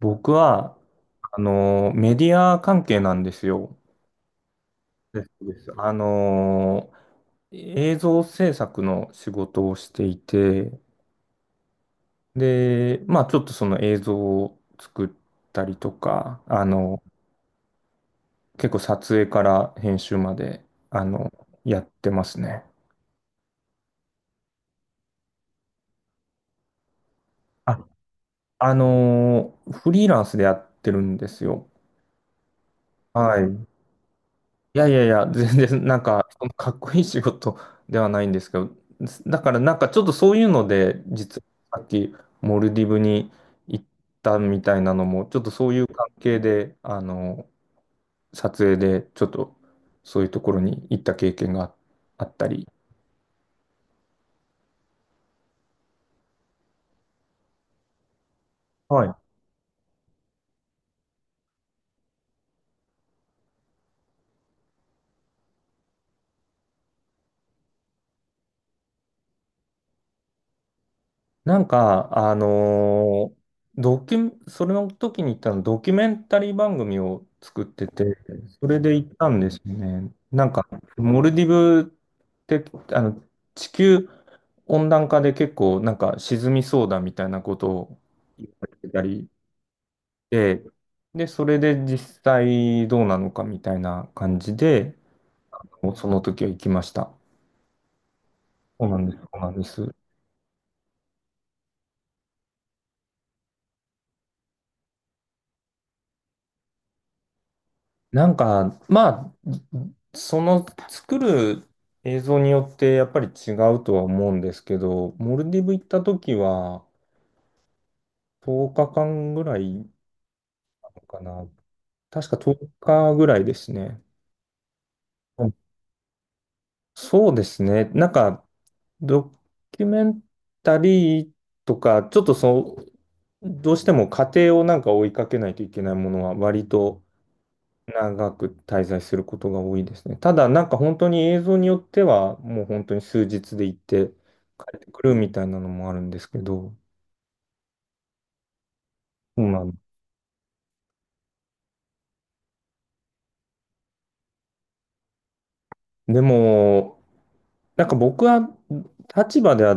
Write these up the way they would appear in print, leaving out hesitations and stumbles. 僕は、メディア関係なんですよ。あの、映像制作の仕事をしていて、で、まあちょっとその映像を作ったりとか、結構撮影から編集まで、あの、やってますね。あ、フリーランスでやってるんですよ。はい。いやいやいや、全然 なんか、そのかっこいい仕事ではないんですけど、だからなんかちょっとそういうので、実はさっきモルディブに行ったみたいなのも、ちょっとそういう関係で、撮影でちょっとそういうところに行った経験があったり。はい、なんか、ドキュ、それの時に行ったの、ドキュメンタリー番組を作ってて、それで行ったんですよね。なんか、モルディブって、あの、地球温暖化で結構、なんか沈みそうだみたいなことを言われてたりで、で、それで実際どうなのかみたいな感じで、その時は行きました。そうなんです、そうなんです。なんか、まあ、その作る映像によってやっぱり違うとは思うんですけど、モルディブ行った時は10日間ぐらいかな。確か10日ぐらいですね。うん、そうですね。なんか、ドキュメンタリーとか、ちょっとそう、どうしても過程をなんか追いかけないといけないものは割と長く滞在することが多いですね。ただ、なんか本当に映像によっては、もう本当に数日で行って帰ってくるみたいなのもあるんですけど、そうなんです。でも、なんか僕は立場では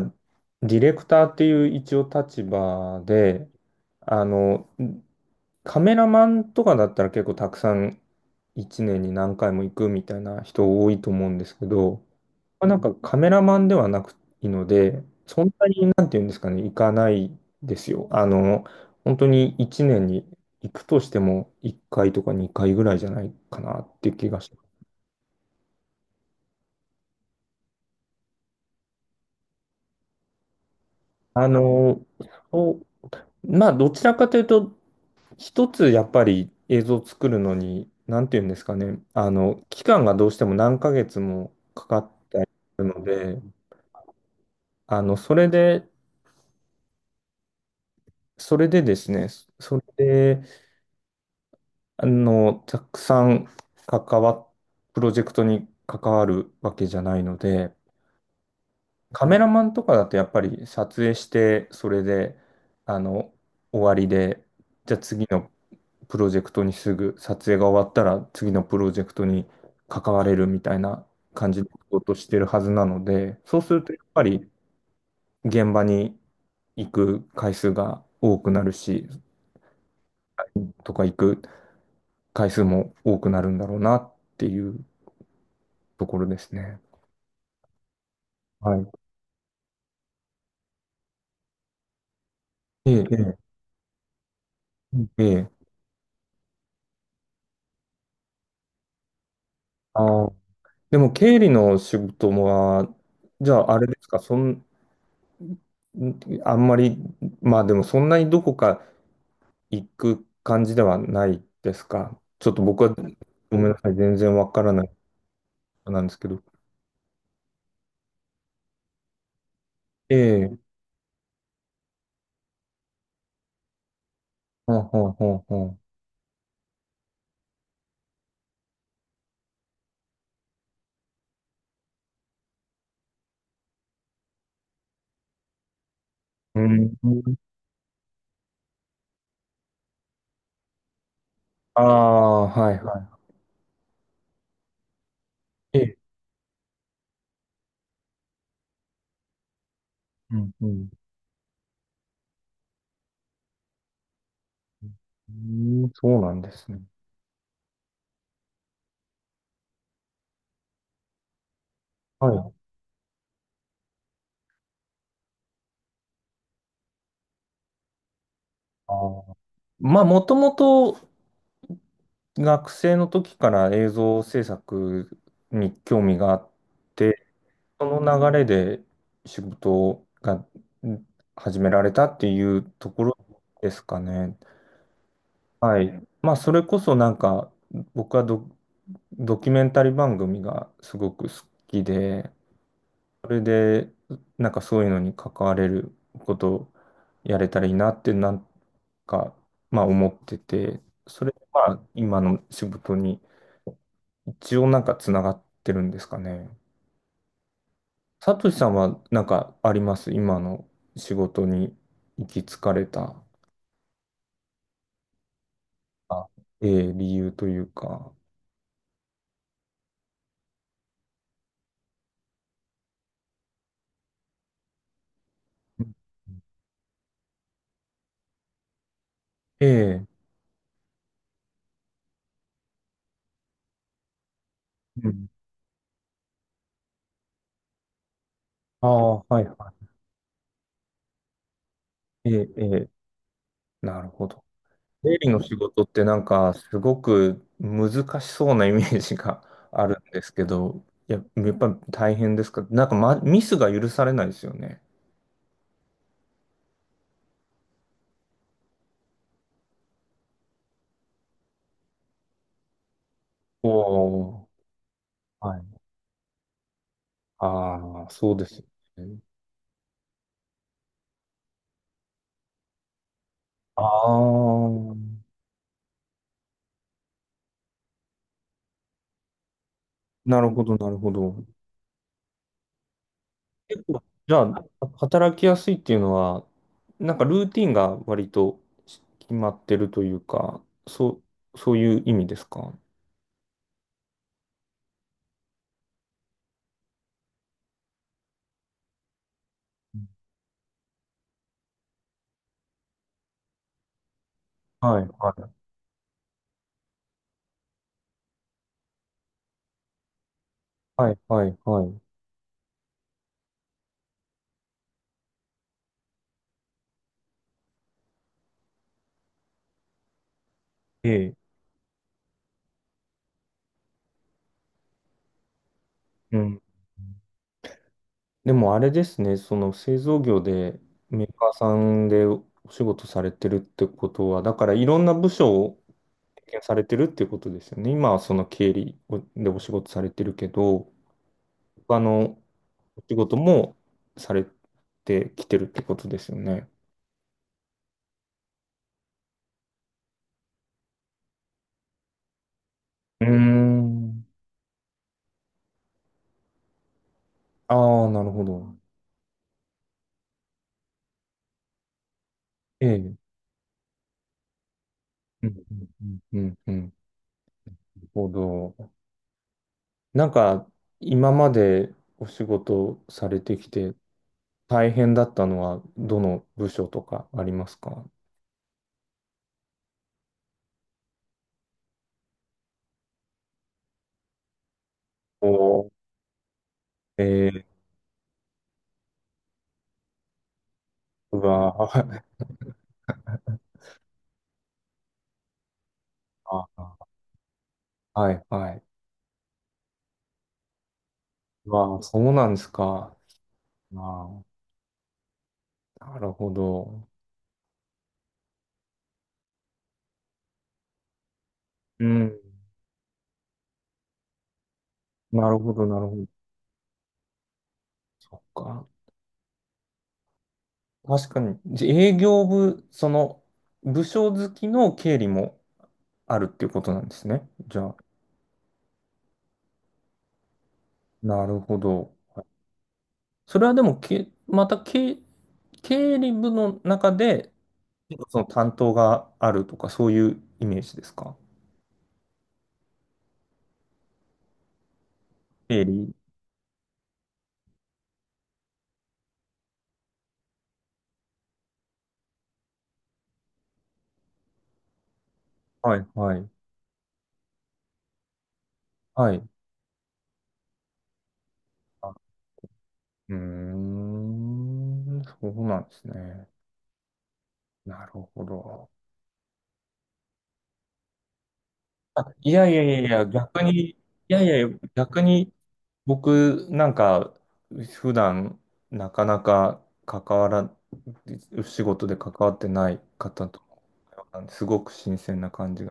ディレクターっていう一応立場で、あの、カメラマンとかだったら結構たくさん1年に何回も行くみたいな人多いと思うんですけど、まあ、なんかカメラマンではなくいいので、そんなになんていうんですかね、行かないですよ。本当に1年に行くとしても1回とか2回ぐらいじゃないかなっていう気がして。あの、そう、まあ、どちらかというと、一つやっぱり映像を作るのに、なんていうんですかね、期間がどうしても何ヶ月もかかってるので、それで、それでですね、それで、たくさん関わ、プロジェクトに関わるわけじゃないので、カメラマンとかだとやっぱり撮影して、それで、あの、終わりで、じゃあ次のプロジェクトにすぐ、撮影が終わったら次のプロジェクトに関われるみたいな感じのことをしてるはずなので、そうするとやっぱり現場に行く回数が多くなるし、とか行く回数も多くなるんだろうなっていうところですね。はい。ええ、ええ、ええ。ああ、でも経理の仕事は、じゃああれですか、そん、あんまり、まあでもそんなにどこか行く感じではないですか。ちょっと僕は、ごめんなさい、全然わからないなんですけど。ええ、ほんほんほんほん。うん。ああ、はいはい。ええ、うん、うん。うん、そうなんですね。はい。ああ。まあ、もともと学生の時から映像制作に興味があって、その流れで仕事がうん始められたっていうところですかね。はい。まあ、それこそなんか、僕はド、ドキュメンタリー番組がすごく好きで、それで、なんかそういうのに関われることをやれたらいいなって、なんか、まあ思ってて、それがまあ今の仕事に一応なんかつながってるんですかね。サトシさんはなんかあります今の仕事に行き着かれた、あ、ええ理由というか。ええ、うん、ああ、はいはい。ええ、ええ、なるほど。経理の仕事ってなんかすごく難しそうなイメージが あるんですけど、いや、やっぱり大変ですか、なんか、ま、ミスが許されないですよね。おお、はい。ああ、そうですよね。ああ。なるほど、なるほど。結構、じゃあは働きやすいっていうのは、なんかルーティンが割とし決まってるというか、そう、そういう意味ですか？はい、はい、はい、はい、はい。ええ、うん。でもあれですね、その製造業でメーカーさんでお仕事されてるってことは、だからいろんな部署を経験されてるっていうことですよね。今はその経理をでお仕事されてるけど、他のお仕事もされてきてるってことですよね。うーん。ああ、なるほど。ええ。うん、うん、うん、うん。なるほど。なんか、今までお仕事されてきて大変だったのは、どの部署とかありますか？おー、えー、うわー あー、はいはい。うわー、そうなんですか。あー、なるほど。うん。なるほど、なるほど。そっか。確かに、じ営業部、その、部署好きの経理もあるっていうことなんですね。じゃあ、なるほど。それはでも、け、また経、経理部の中で、その担当があるとか、そういうイメージですか？経理。はい、はい、はい。あ、うーん、そうなんですね。なるほど。あ、いやいやいやいや、逆に、いやいや、逆に、僕、なんか、普段、なかなか関わら、仕事で関わってない方と、すごく新鮮な感じ